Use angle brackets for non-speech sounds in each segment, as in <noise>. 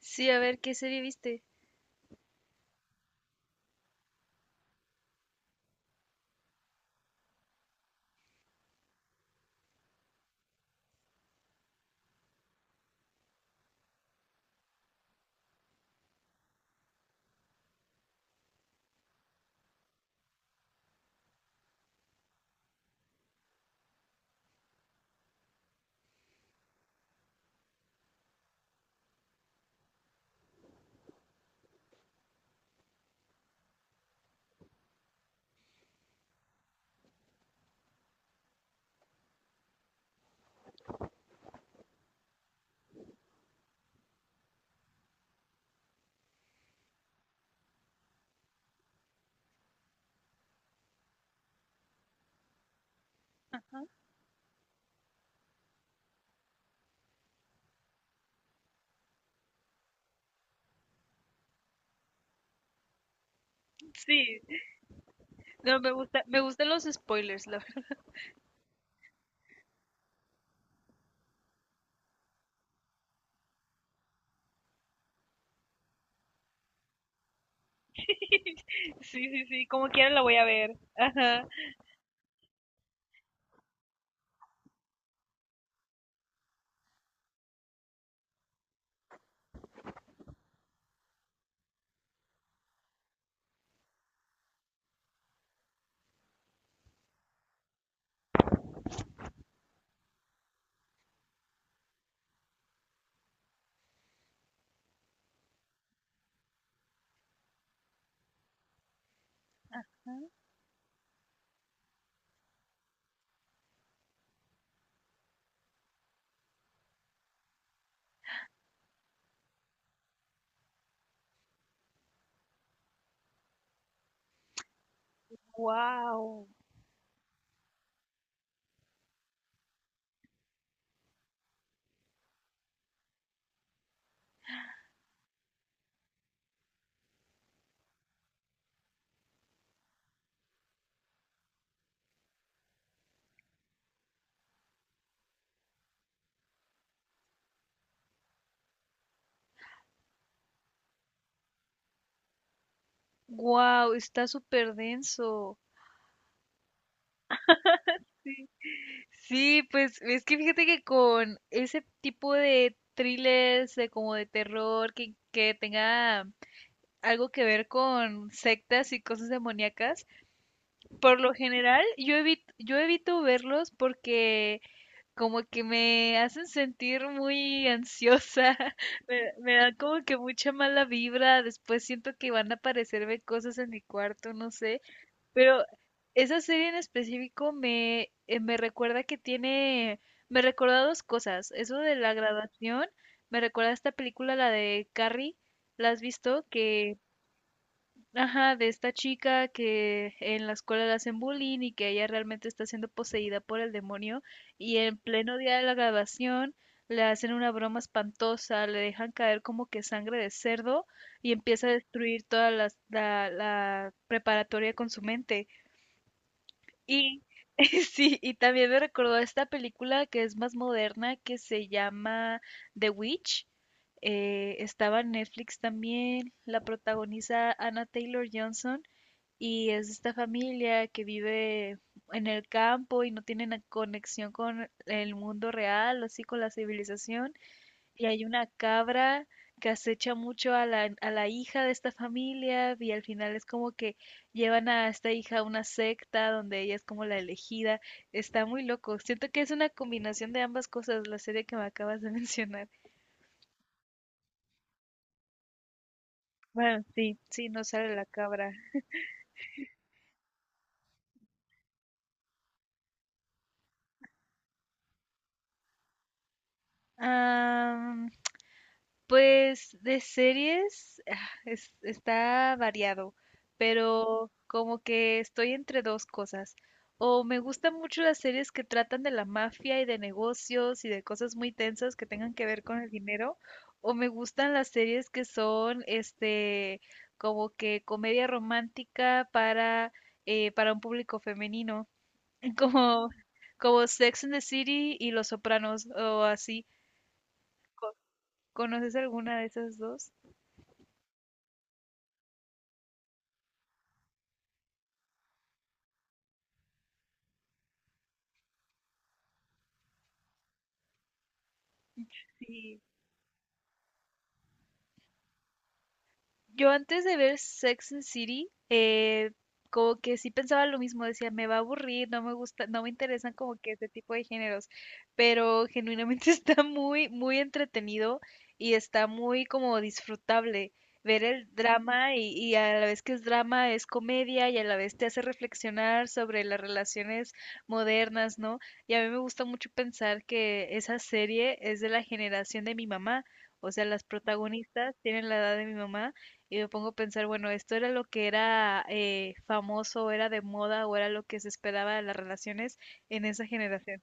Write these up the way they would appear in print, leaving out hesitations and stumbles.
Sí, a ver, ¿qué serie viste? Ajá. Sí, no, me gusta, me gustan los spoilers, la verdad. <laughs> Sí, sí, sí, como quiera la voy a ver. Ajá. Wow. Wow, está súper denso. Sí, pues es que fíjate que con ese tipo de thrillers, de como de terror, que tenga algo que ver con sectas y cosas demoníacas, por lo general yo evito verlos porque como que me hacen sentir muy ansiosa. <laughs> Me dan como que mucha mala vibra, después siento que van a aparecerme cosas en mi cuarto, no sé, pero esa serie en específico me recuerda que tiene, me recuerda dos cosas, eso de la graduación, me recuerda a esta película, la de Carrie, ¿la has visto? Que ajá, de esta chica que en la escuela le hacen bullying y que ella realmente está siendo poseída por el demonio y en pleno día de la graduación le hacen una broma espantosa, le dejan caer como que sangre de cerdo y empieza a destruir toda la preparatoria con su mente. Y <laughs> sí, y también me recordó a esta película que es más moderna que se llama The Witch. Estaba en Netflix también, la protagoniza Anna Taylor-Johnson y es esta familia que vive en el campo y no tiene na- conexión con el mundo real, así con la civilización. Y hay una cabra que acecha mucho a la hija de esta familia y al final es como que llevan a esta hija a una secta donde ella es como la elegida. Está muy loco. Siento que es una combinación de ambas cosas, la serie que me acabas de <laughs> mencionar. Bueno, sí, sí, no sale la cabra. Ah, pues de series está variado, pero como que estoy entre dos cosas. O me gustan mucho las series que tratan de la mafia y de negocios y de cosas muy tensas que tengan que ver con el dinero, o me gustan las series que son este, como que comedia romántica para un público femenino, <laughs> como como Sex and the City y Los Sopranos o así. Co- ¿Conoces alguna de esas dos? Sí, yo antes de ver Sex and the City, como que sí pensaba lo mismo, decía, me va a aburrir, no me gusta, no me interesan como que ese tipo de géneros, pero genuinamente <laughs> está muy, muy entretenido y está muy como disfrutable ver el drama y a la vez que es drama es comedia y a la vez te hace reflexionar sobre las relaciones modernas, ¿no? Y a mí me gusta mucho pensar que esa serie es de la generación de mi mamá, o sea, las protagonistas tienen la edad de mi mamá. Y me pongo a pensar, bueno, esto era lo que era famoso, era de moda o era lo que se esperaba de las relaciones en esa generación.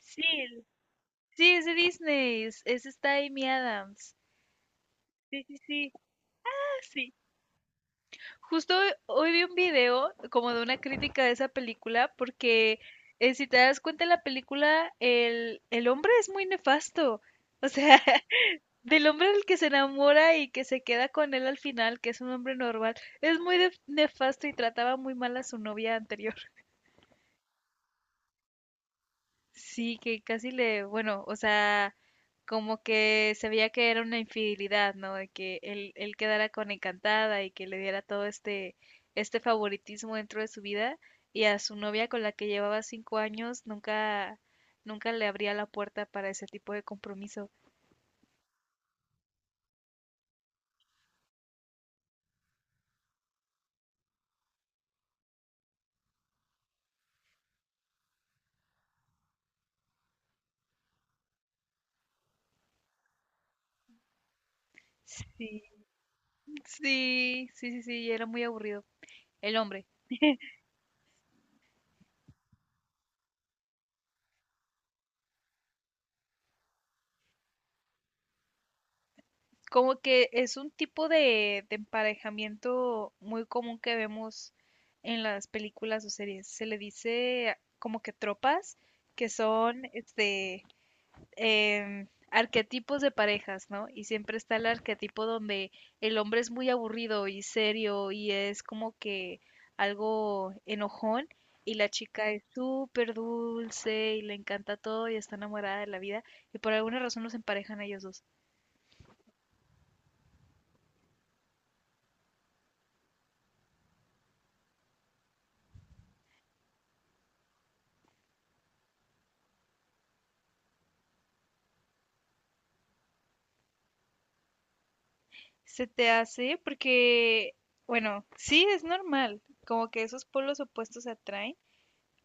Sí, sí, es de Disney, es esta Amy Adams. Sí, sí, sí, ah, sí. Justo hoy vi un video como de una crítica de esa película porque si te das cuenta en la película, el hombre es muy nefasto. O sea, <laughs> del hombre del que se enamora y que se queda con él al final, que es un hombre normal, es muy nefasto y trataba muy mal a su novia anterior. <laughs> Sí, que casi le, bueno, o sea, como que se veía que era una infidelidad, ¿no? De que él quedara con encantada y que le diera todo este, este favoritismo dentro de su vida y a su novia con la que llevaba 5 años nunca, nunca le abría la puerta para ese tipo de compromiso. Sí, sí, sí, sí, sí, era muy aburrido. El hombre. Como que es un tipo de emparejamiento muy común que vemos en las películas o series. Se le dice como que tropas, que son este arquetipos de parejas, ¿no? Y siempre está el arquetipo donde el hombre es muy aburrido y serio y es como que algo enojón y la chica es súper dulce y le encanta todo y está enamorada de la vida y por alguna razón los emparejan a ellos dos. Se te hace porque, bueno, sí es normal, como que esos polos opuestos se atraen,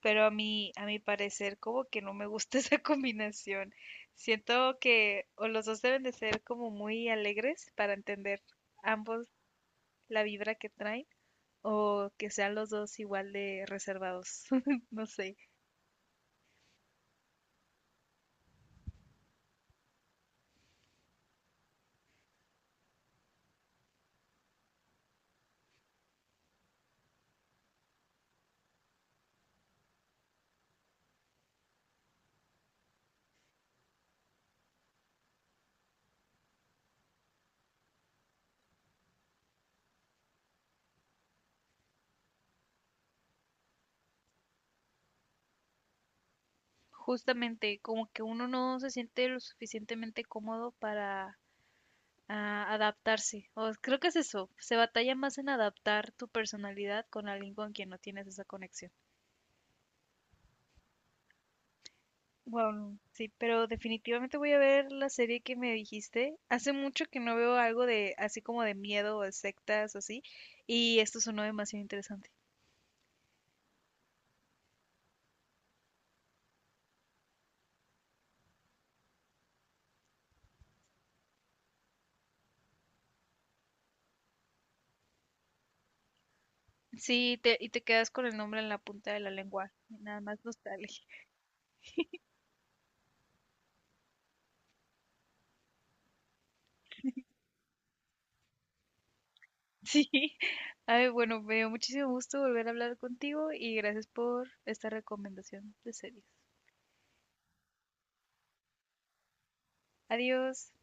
pero a mí, a mi parecer, como que no me gusta <laughs> esa combinación. Siento que o los dos deben de ser como muy alegres para entender ambos la vibra que traen, o que sean los dos igual de reservados. <laughs> No sé. Justamente, como que uno no se siente lo suficientemente cómodo para ah, adaptarse. O creo que es eso. Se batalla más en adaptar tu personalidad con alguien con quien no tienes esa conexión. Wow, sí, pero definitivamente voy a ver la serie que me dijiste. Hace mucho que no veo algo de así como de miedo o de sectas o así, y esto sonó demasiado interesante. Y te quedas con el nombre en la punta de la lengua. Nada más nostalgia. <laughs> Sí. Ay, bueno, me dio muchísimo gusto volver a hablar contigo y gracias por esta recomendación de series. Adiós.